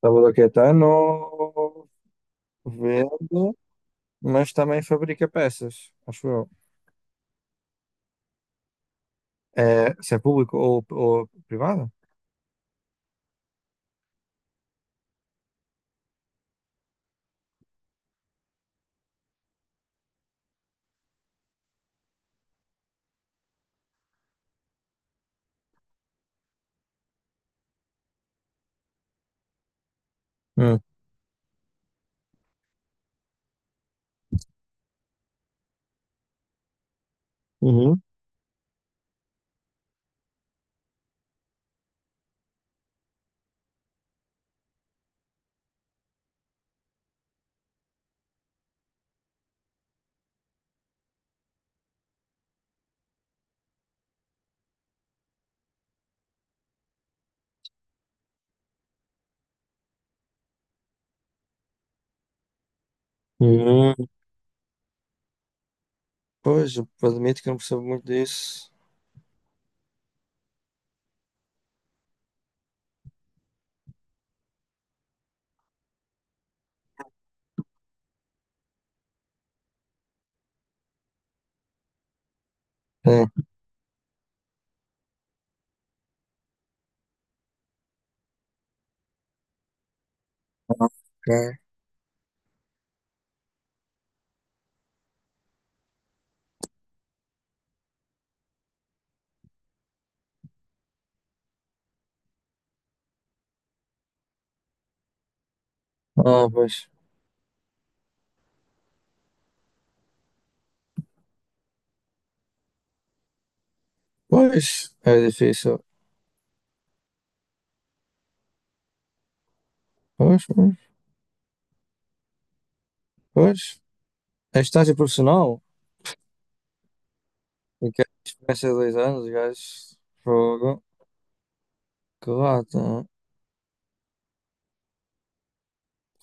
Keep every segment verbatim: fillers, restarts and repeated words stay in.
Salvador Caetano vende, mas também fabrica peças, acho eu. É, se é público ou, ou privado? Hum. Uhum. Uhum. Pois, eu admito que não percebo muito disso. É, ok. Ah, pois. Pois, é difícil. Pois, pois, pois. É estágio profissional? E que é experiência de dois anos, gajos. Fogo. Que lata. Não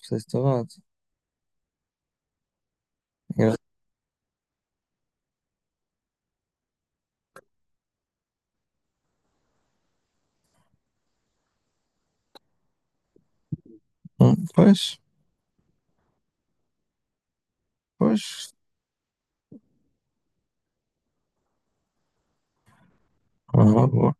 sei se te lata. Engraçado. Hum, Pois, pois. Ah, boa.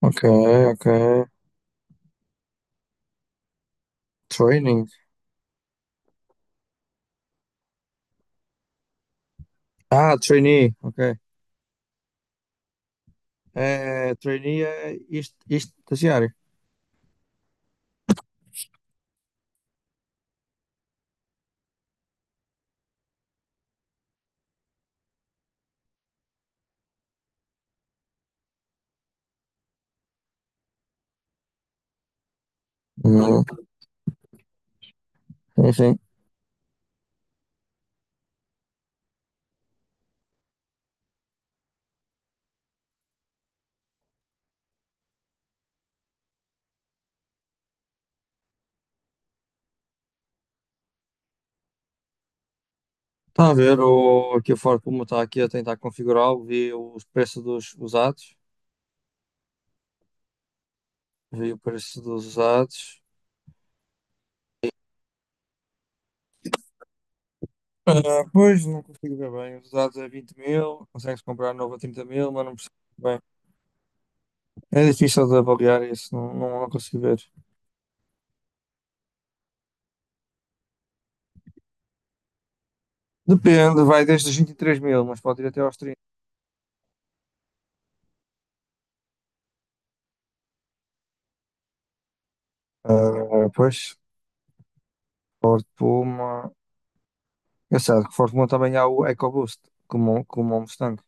Ok, ok. Training. Ah, trainee, ok. É, trainee é isto, isto estagiário. Uhum. Enfim, está a ver o, aqui o Ford Puma está aqui a tentar configurá-lo, vi os preços dos usados, vi o preço dos usados. Ah, pois, não consigo ver bem. Os usados é vinte mil, consegue-se comprar novo a trinta mil, mas não percebo bem. É difícil de avaliar isso, não, não, não consigo ver. Depende, vai desde os vinte e três mil, mas pode ir até aos trinta. Ah, pois, Ford Puma. Engraçado que Ford Mondeo também há o EcoBoost, como, como o Mustang.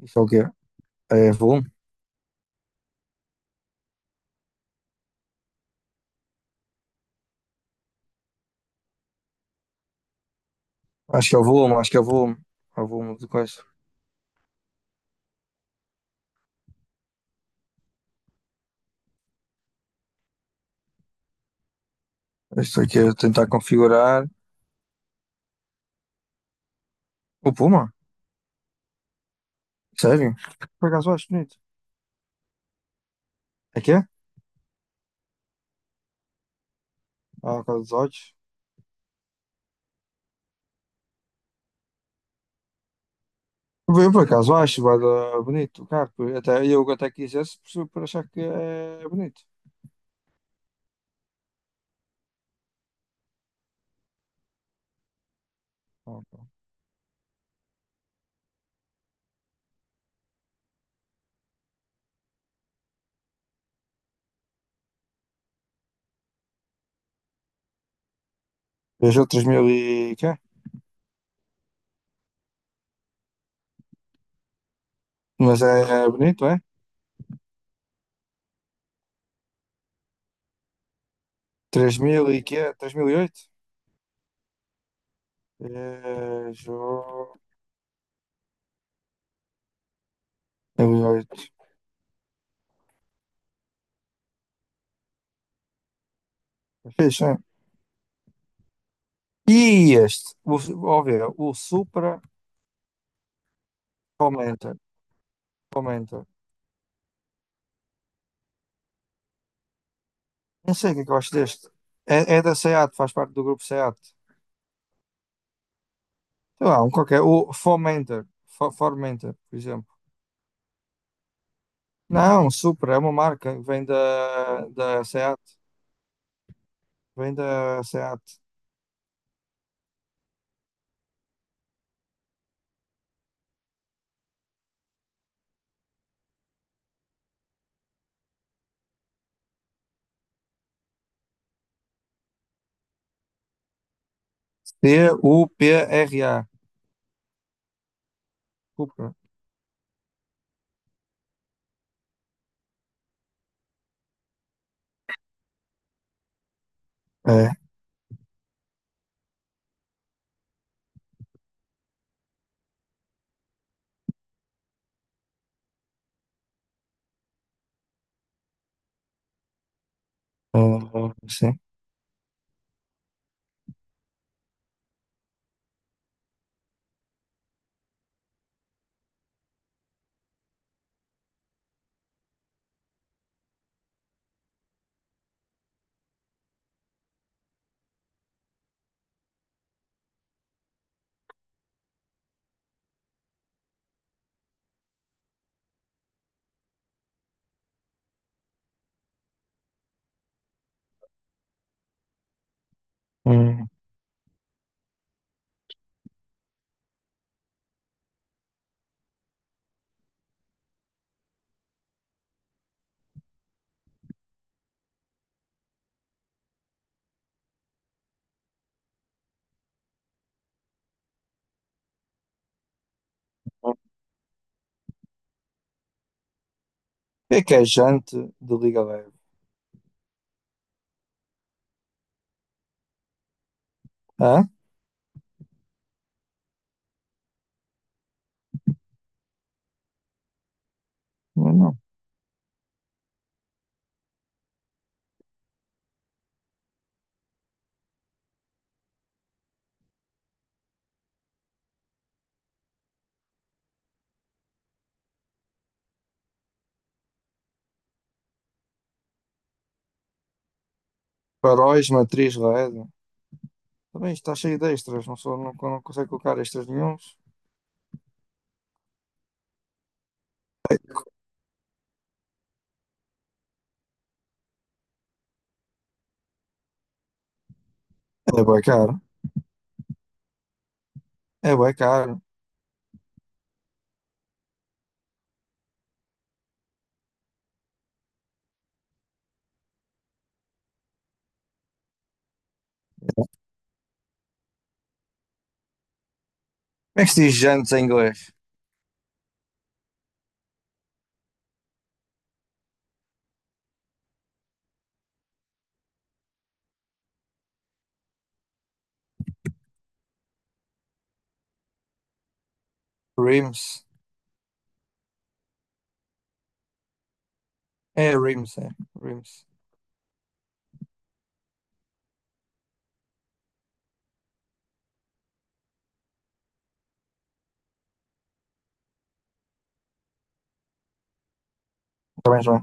Isso é o quê? É volume? Acho que é o volume, acho que é o volume. É o volume de coisa. Isto aqui é tentar configurar. O Puma? Sério? Por acaso acho bonito. É que é? Ah, por causa dos olhos. Eu por acaso acho vai dar bonito o carro. por- Até, eu até quisesse por, por achar que é bonito. Ah, ok. Peugeot três mil e quê? Mas é bonito, é? Três mil e quê? Três mil e oito. Peugeot três mil e oito. É fixe, é? E este, o, ó ver, o Supra comenta, comenta. Não sei o que é que eu acho deste. É, é da SEAT, faz parte do grupo SEAT. Sei lá, um qualquer. O Fomenter, Fo- Formenter, por exemplo. Não, Supra é uma marca, vem da, da SEAT, vem da SEAT. C U P R A, Supra. É, é, é, sim. Hum. Hum. O que é que é jante de liga leve? Hã? Não, não. Faróis, matriz L E D. Também está cheio de extras, não, sou, não, não consegue colocar extras nenhuns. É bem caro. É bem caro. Como é que se diz jantes em inglês? Rims. É rims, é. Rims. Também já.